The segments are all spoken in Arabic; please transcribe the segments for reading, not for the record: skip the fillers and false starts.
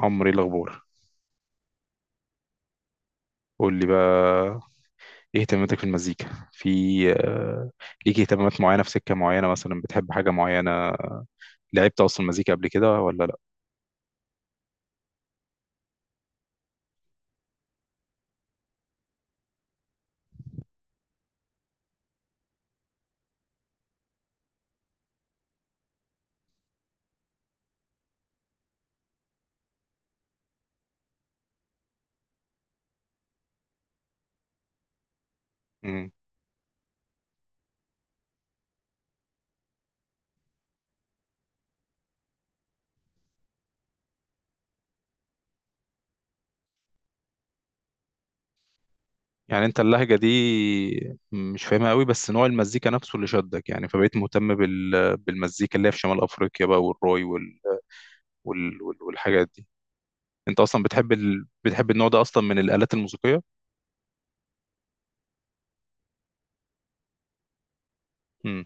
عمرو ايه الاخبار؟ قول لي بقى، ايه اهتماماتك في المزيكا؟ في آه، ليك اهتمامات معينه في سكه معينه؟ مثلا بتحب حاجه معينه؟ لعبت اصلا مزيكا قبل كده ولا لا؟ مم. يعني انت اللهجه دي مش فاهمها قوي، بس نوع المزيكا نفسه اللي شدك، يعني فبقيت مهتم بالمزيكا اللي هي في شمال افريقيا بقى، والروي والحاجات دي. انت اصلا بتحب بتحب النوع ده اصلا من الالات الموسيقيه؟ مم.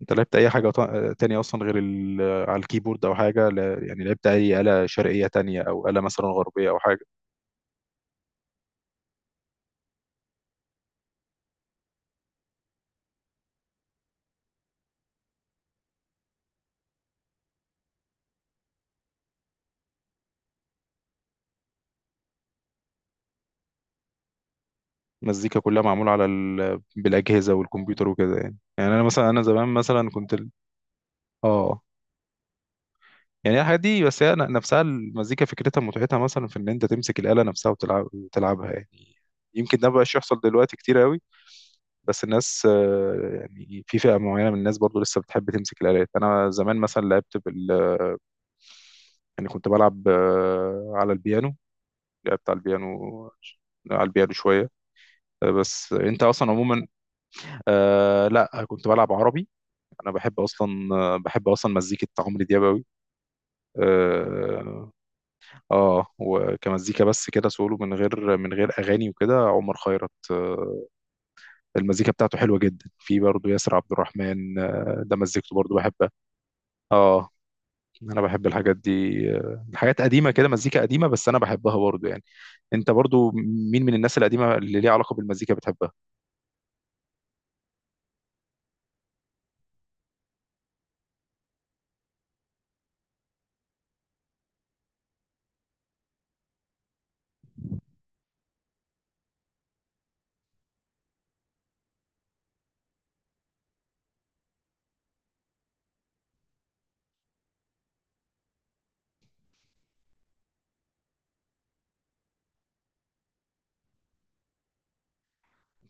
انت لعبت اي حاجه تانية اصلا غير على الكيبورد او حاجه؟ لا... يعني لعبت اي آلة شرقيه تانية، او آلة مثلا غربيه او حاجه؟ المزيكا كلها معموله على بالاجهزه والكمبيوتر وكده؟ يعني يعني انا مثلا، انا زمان مثلا كنت اه. يعني الحاجات دي بس هي نفسها المزيكا، فكرتها متعتها مثلا في ان انت تمسك الآلة نفسها وتلعب وتلعبها يعني. يمكن ده مبقاش يحصل دلوقتي كتير قوي، بس الناس يعني في فئة معينة من الناس برضو لسه بتحب تمسك الآلات. أنا زمان مثلا لعبت بال، يعني كنت بلعب على البيانو، لعبت على البيانو، على البيانو شوية. بس انت اصلا عموما، آه لا كنت بلعب عربي. انا بحب اصلا، بحب اصلا مزيكة عمرو دياب قوي. اه. وكمزيكا بس كده سولو، من غير اغاني وكده، عمر خيرت آه، المزيكا بتاعته حلوة جدا. في برضه ياسر عبد الرحمن، آه ده مزيكته برضه بحبها. اه، انا بحب الحاجات دي. حاجات قديمة كده، مزيكا قديمة، بس انا بحبها برضه يعني. انت برضه مين من الناس القديمة اللي ليها علاقة بالمزيكا بتحبها؟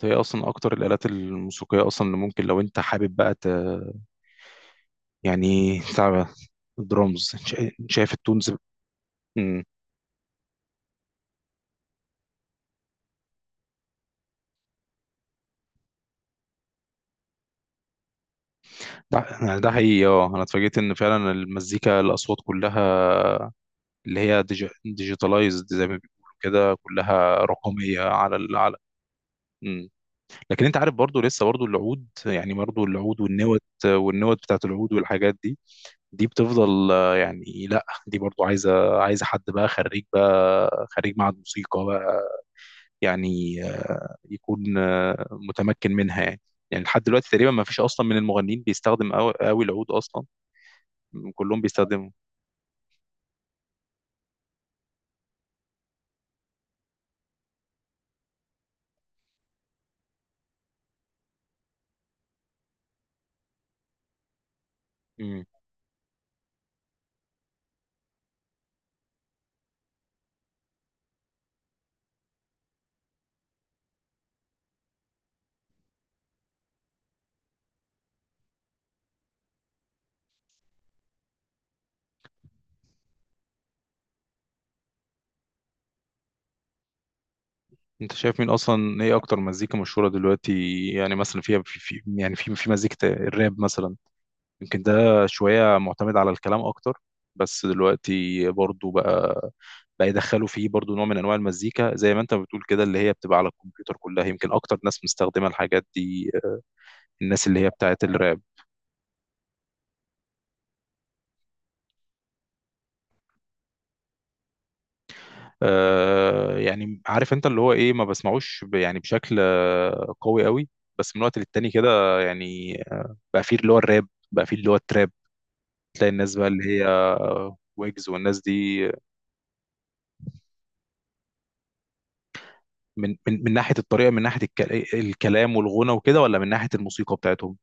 هي اصلا اكتر الالات الموسيقيه اصلا اللي ممكن لو انت حابب بقى يعني تعب، درامز، شايف التونز. مم. ده، ده حقيقي اه، انا اتفاجئت ان فعلا المزيكا الاصوات كلها اللي هي ديجيتالايزد زي ما بيقولوا كده، كلها رقميه على على. مم. لكن انت عارف برضو لسه برضو العود، يعني برضو العود، والنوت بتاعت العود والحاجات دي، دي بتفضل. يعني لا دي برضو عايزه، حد بقى خريج، معهد موسيقى بقى. يعني يكون متمكن منها يعني. يعني لحد دلوقتي تقريبا ما فيش اصلا من المغنيين بيستخدم قوي العود اصلا، كلهم بيستخدموا. مم. انت شايف مين اصلا، ايه اكتر مزيكا مشهوره دلوقتي، يعني مثلا فيها في يعني في مزيكه الراب مثلا؟ يمكن ده شويه معتمد على الكلام اكتر، بس دلوقتي برضو بقى، بقى يدخلوا فيه برضو نوع من انواع المزيكا زي ما انت بتقول كده، اللي هي بتبقى على الكمبيوتر كلها. يمكن اكتر ناس مستخدمه الحاجات دي الناس اللي هي بتاعت الراب. يعني عارف انت اللي هو ايه، ما بسمعوش يعني بشكل قوي، بس من وقت للتاني كده يعني. بقى فيه اللي هو الراب، بقى فيه اللي هو التراب، تلاقي الناس بقى اللي هي ويجز والناس دي. من من ناحية الطريقة، من ناحية الكلام والغنى وكده، ولا من ناحية الموسيقى بتاعتهم؟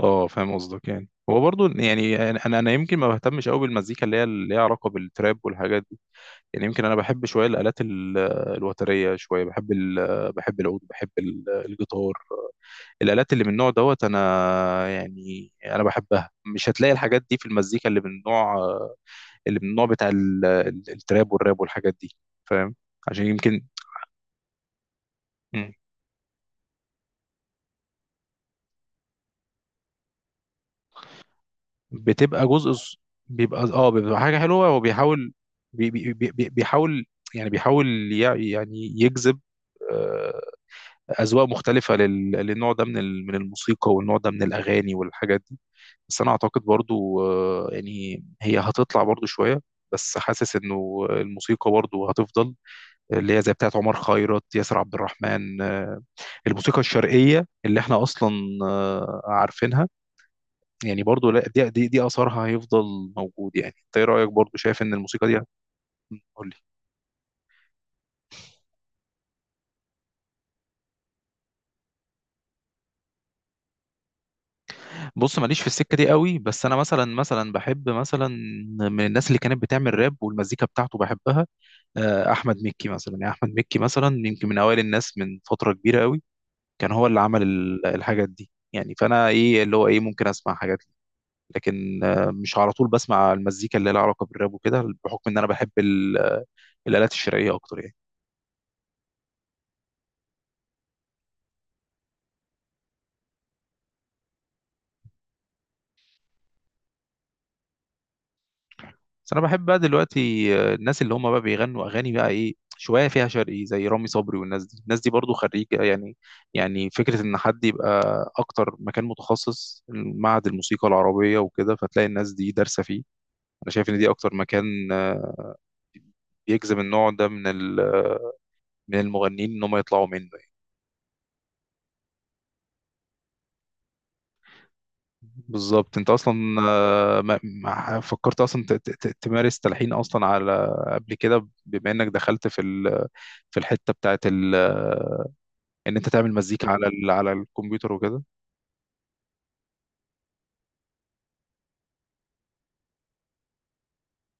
اه فاهم قصدك. يعني هو برضو، يعني انا يمكن ما بهتمش قوي بالمزيكا اللي هي اللي ليها علاقة بالتراب والحاجات دي. يعني يمكن انا بحب شوية الآلات الوترية، شوية بحب بحب العود، بحب الجيتار، الآلات اللي من النوع دوت أنا، يعني أنا بحبها. مش هتلاقي الحاجات دي في المزيكا اللي من النوع، بتاع التراب والراب والحاجات دي، فاهم؟ عشان يمكن، مم. بتبقى جزء بيبقى اه، بيبقى حاجة حلوة، هو بيحاول، بيحاول، يعني بيحاول يعني يجذب آه، أذواق مختلفة للنوع ده من من الموسيقى، والنوع ده من الأغاني والحاجات دي. بس انا اعتقد برضو يعني هي هتطلع برضو شويه، بس حاسس انه الموسيقى برضو هتفضل، اللي هي زي بتاعت عمر خيرت، ياسر عبد الرحمن. الموسيقى الشرقيه اللي احنا اصلا عارفينها، يعني برضو لا دي اثرها هيفضل موجود يعني. انت ايه رايك؟ برضو شايف ان الموسيقى دي قول لي. بص، ماليش في السكه دي قوي، بس انا مثلا، بحب مثلا من الناس اللي كانت بتعمل راب والمزيكا بتاعته بحبها احمد مكي مثلا. يعني احمد مكي مثلا يمكن من اوائل الناس من فتره كبيره قوي، كان هو اللي عمل الحاجات دي، يعني. فانا ايه اللي هو ايه، ممكن اسمع حاجات ليه، لكن مش على طول بسمع المزيكا اللي لها علاقه بالراب وكده، بحكم ان انا بحب الالات الشرقيه اكتر يعني. بس انا بحب بقى دلوقتي الناس اللي هم بقى بيغنوا اغاني بقى ايه شويه فيها شرقي، زي رامي صبري والناس دي، الناس دي برضو خريجه يعني. يعني فكره ان حد يبقى اكتر مكان متخصص معهد الموسيقى العربيه وكده، فتلاقي الناس دي دارسه فيه. انا شايف ان دي اكتر مكان بيجذب النوع ده من من المغنيين، ان هم يطلعوا منه. بالظبط. انت اصلا ما فكرت اصلا تمارس تلحين اصلا على قبل كده، بما انك دخلت في في الحته بتاعت ان انت تعمل مزيكا على على الكمبيوتر وكده؟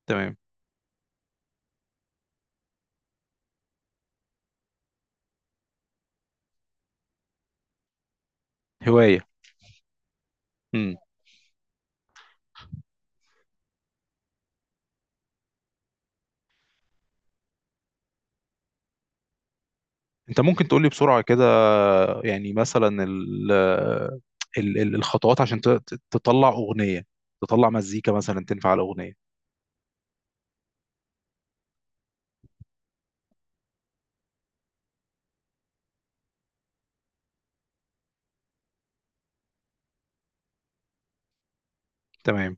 تمام، هوايه. امم، انت ممكن تقول لي بسرعه كده، يعني مثلا ال، الخطوات عشان تطلع اغنيه، تطلع مزيكا مثلا تنفع على اغنيه؟ تمام،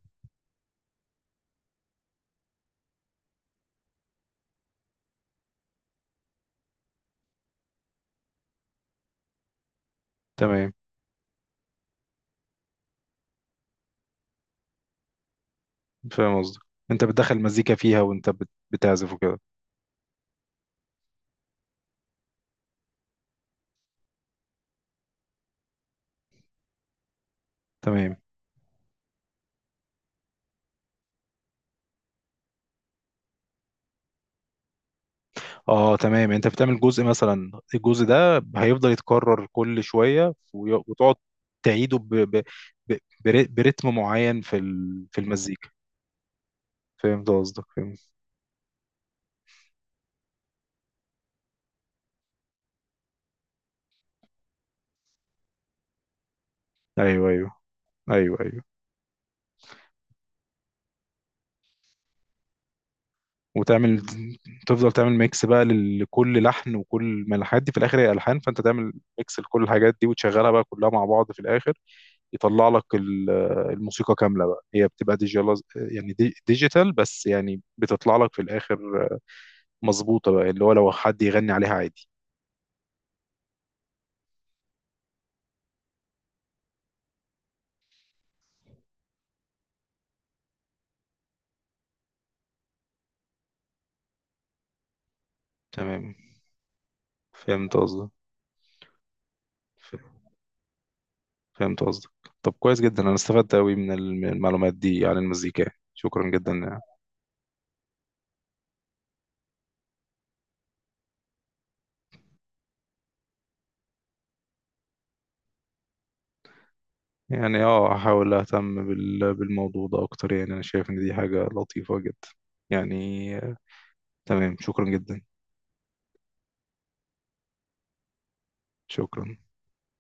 تمام، فاهم قصدك. انت بتدخل مزيكا فيها وانت بتعزف وكده؟ تمام. اه تمام، انت بتعمل جزء مثلا، الجزء ده هيفضل يتكرر كل شويه، وتقعد تعيده ب... برتم معين في في المزيكا. فهمت قصدك، فهمت. ايوه ايوه، ايوه ايوه. وتعمل، تفضل تعمل ميكس بقى لكل لحن، وكل ما الحاجات دي في الاخر هي الحان، فانت تعمل ميكس لكل الحاجات دي وتشغلها بقى كلها مع بعض في الاخر، يطلع لك الموسيقى كامله بقى. هي بتبقى ديجيتال يعني ديجيتال، بس يعني بتطلع لك في الاخر مظبوطة بقى، اللي هو لو حد يغني عليها عادي. تمام، فهمت قصدك. ف- فهمت قصدك. طب كويس جدا، أنا استفدت أوي من المعلومات دي عن المزيكا، شكرا جدا يعني. يعني اه، هحاول أهتم بالموضوع ده أكتر، يعني أنا شايف إن دي حاجة لطيفة جدا يعني. تمام، شكرا جدا. شكرا.